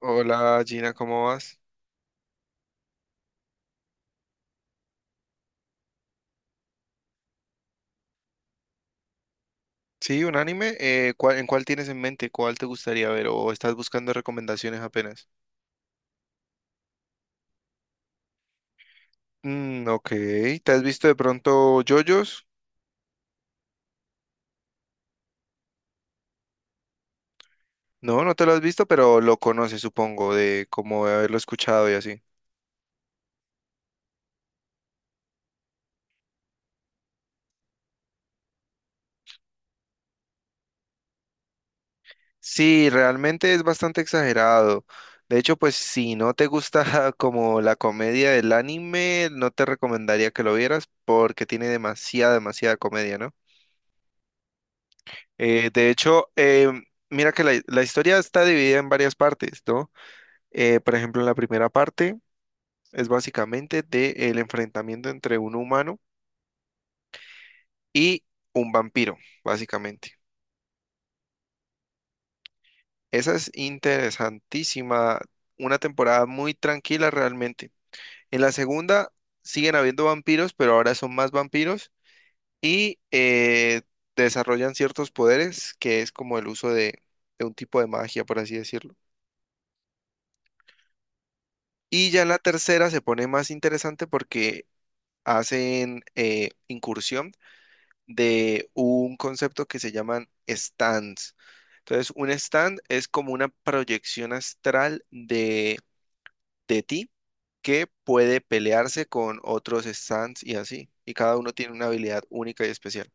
Hola Gina, ¿cómo vas? Sí, un anime. ¿En cuál tienes en mente? ¿Cuál te gustaría ver? ¿O estás buscando recomendaciones apenas? Mm, ok. ¿Te has visto de pronto JoJo's? No, no te lo has visto, pero lo conoces, supongo, de como de haberlo escuchado y así. Sí, realmente es bastante exagerado. De hecho, pues si no te gusta como la comedia del anime, no te recomendaría que lo vieras porque tiene demasiada, demasiada comedia, ¿no? De hecho, mira que la historia está dividida en varias partes, ¿no? Por ejemplo, la primera parte es básicamente del enfrentamiento entre un humano y un vampiro, básicamente. Esa es interesantísima, una temporada muy tranquila realmente. En la segunda siguen habiendo vampiros, pero ahora son más vampiros y desarrollan ciertos poderes, que es como el uso de un tipo de magia, por así decirlo. Y ya en la tercera se pone más interesante porque hacen incursión de un concepto que se llaman stands. Entonces, un stand es como una proyección astral de ti que puede pelearse con otros stands y así. Y cada uno tiene una habilidad única y especial.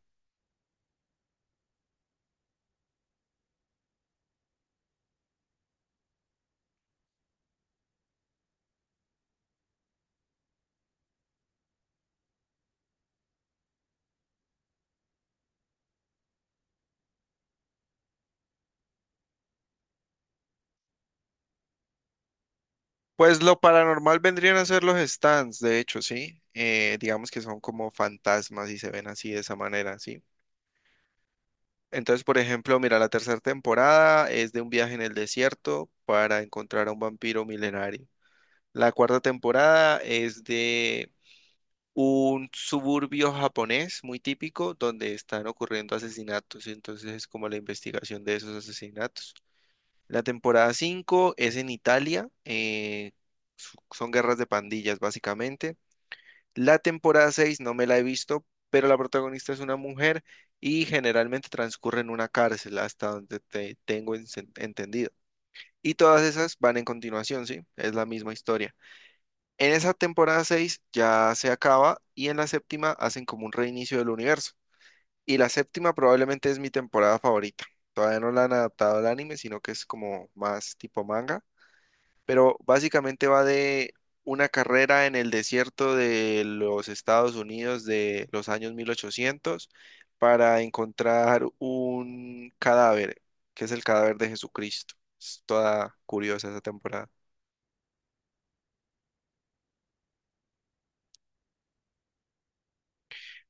Pues lo paranormal vendrían a ser los stands, de hecho, sí. Digamos que son como fantasmas y se ven así de esa manera, sí. Entonces, por ejemplo, mira, la tercera temporada es de un viaje en el desierto para encontrar a un vampiro milenario. La cuarta temporada es de un suburbio japonés muy típico donde están ocurriendo asesinatos, y entonces es como la investigación de esos asesinatos. La temporada 5 es en Italia, son guerras de pandillas básicamente. La temporada 6 no me la he visto, pero la protagonista es una mujer y generalmente transcurre en una cárcel, hasta donde te tengo entendido. Y todas esas van en continuación, ¿sí? Es la misma historia. En esa temporada 6 ya se acaba y en la séptima hacen como un reinicio del universo. Y la séptima probablemente es mi temporada favorita. Todavía no la han adaptado al anime, sino que es como más tipo manga, pero básicamente va de una carrera en el desierto de los Estados Unidos de los años 1800 para encontrar un cadáver, que es el cadáver de Jesucristo. Es toda curiosa esa temporada.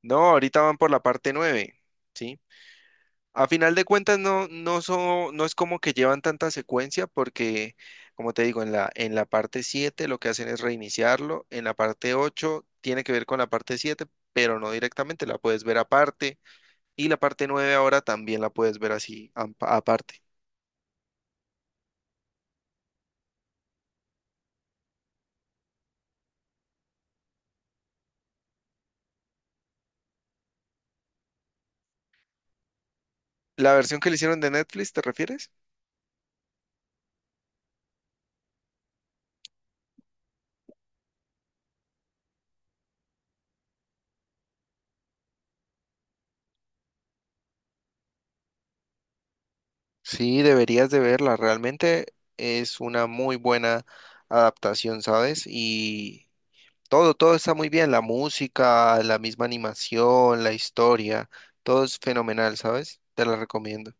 No, ahorita van por la parte 9, ¿sí? A final de cuentas no, no, no es como que llevan tanta secuencia porque, como te digo, en en la parte 7 lo que hacen es reiniciarlo, en la parte 8 tiene que ver con la parte 7 pero no directamente, la puedes ver aparte y la parte 9 ahora también la puedes ver así aparte. ¿La versión que le hicieron de Netflix, te refieres? Sí, deberías de verla, realmente es una muy buena adaptación, ¿sabes? Y todo, todo está muy bien, la música, la misma animación, la historia, todo es fenomenal, ¿sabes? Te la recomiendo.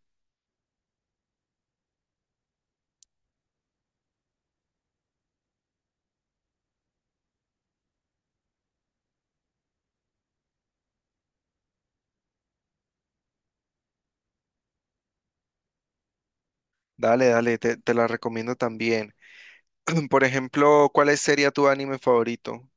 Dale, dale, te la recomiendo también. Por ejemplo, sería tu anime favorito?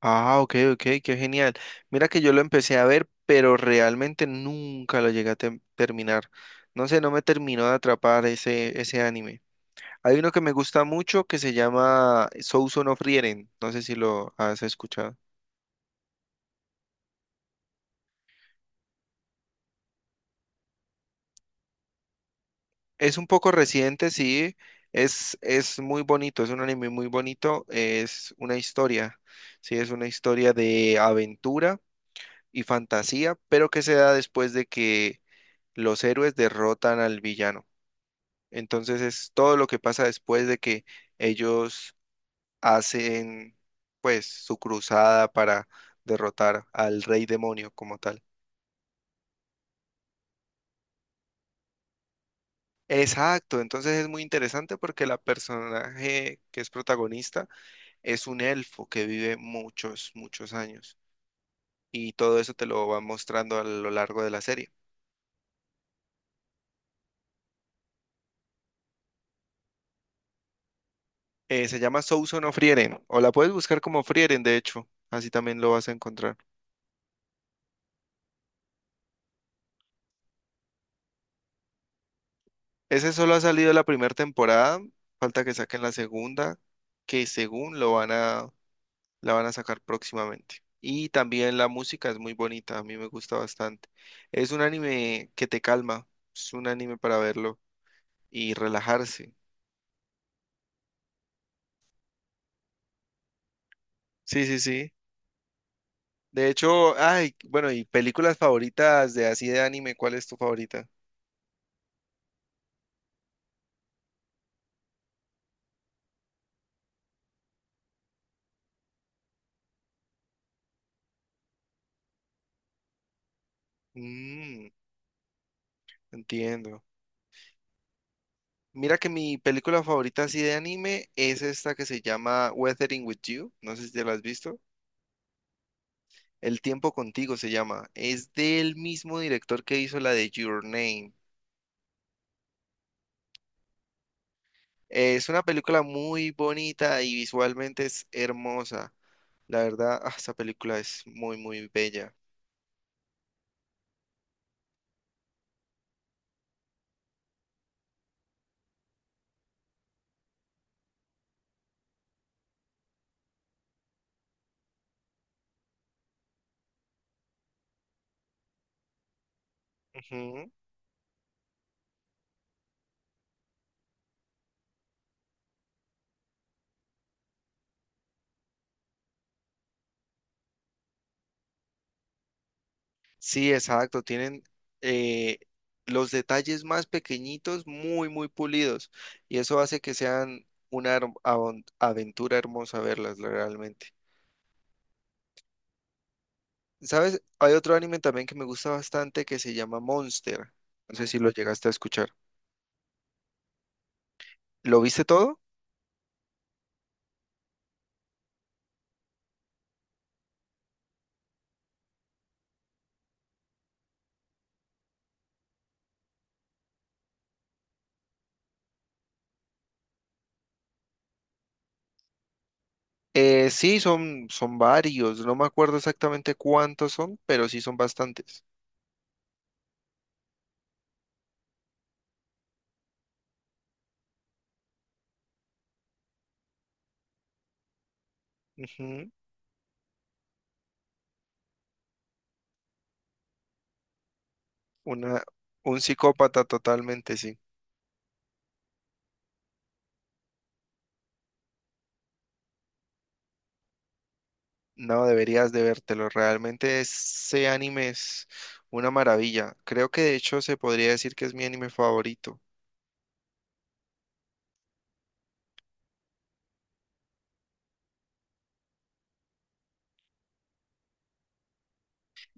Ah, ok, ok, qué genial. Mira que yo lo empecé a ver, pero realmente nunca lo llegué a terminar. No sé, no me terminó de atrapar ese anime. Hay uno que me gusta mucho que se llama Souls of Frieren. No sé si lo has escuchado. Es un poco reciente, sí. Es muy bonito, es un anime muy bonito. Es una historia, sí, es una historia de aventura y fantasía, pero que se da después de que los héroes derrotan al villano. Entonces es todo lo que pasa después de que ellos hacen, pues, su cruzada para derrotar al rey demonio como tal. Exacto, entonces es muy interesante porque la personaje que es protagonista es un elfo que vive muchos, muchos años. Y todo eso te lo va mostrando a lo largo de la serie. Se llama Souson of Frieren. O la puedes buscar como Frieren, de hecho. Así también lo vas a encontrar. Ese solo ha salido la primera temporada. Falta que saquen la segunda, que según la van a sacar próximamente. Y también la música es muy bonita, a mí me gusta bastante. Es un anime que te calma, es un anime para verlo y relajarse. Sí, sí, sí. De hecho, ay, bueno, y películas favoritas de así de anime, ¿cuál es tu favorita? Mm, entiendo. Mira que mi película favorita así de anime es esta que se llama Weathering with You. No sé si te la has visto. El tiempo contigo se llama. Es del mismo director que hizo la de Your Name. Es una película muy bonita y visualmente es hermosa. La verdad, ah, esa película es muy, muy bella. Ujú. Sí, exacto. Tienen eh, los detalles más pequeñitos muy, muy pulidos. Y eso hace que sean una aventura hermosa verlas realmente. ¿Sabes? Hay otro anime también que me gusta bastante que se llama Monster. No sé si lo llegaste a escuchar. ¿Lo viste todo? Sí, son varios. No me acuerdo exactamente cuántos son, pero sí son bastantes. Ujú. Una, un psicópata totalmente, sí. No, deberías de vértelo. Realmente ese anime es una maravilla. Creo que de hecho se podría decir que es mi anime favorito.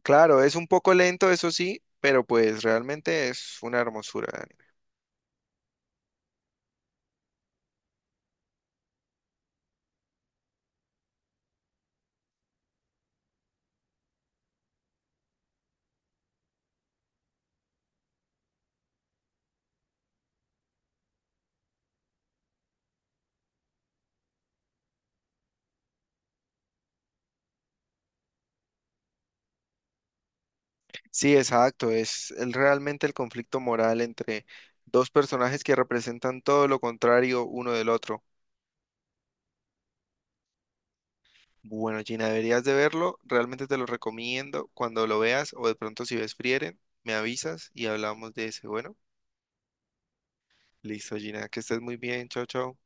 Claro, es un poco lento, eso sí, pero pues realmente es una hermosura de anime. Sí, exacto. Realmente el conflicto moral entre dos personajes que representan todo lo contrario uno del otro. Bueno, Gina, deberías de verlo. Realmente te lo recomiendo. Cuando lo veas o de pronto si ves Frieren, me avisas y hablamos de ese. Bueno, listo, Gina. Que estés muy bien. Chao, chao.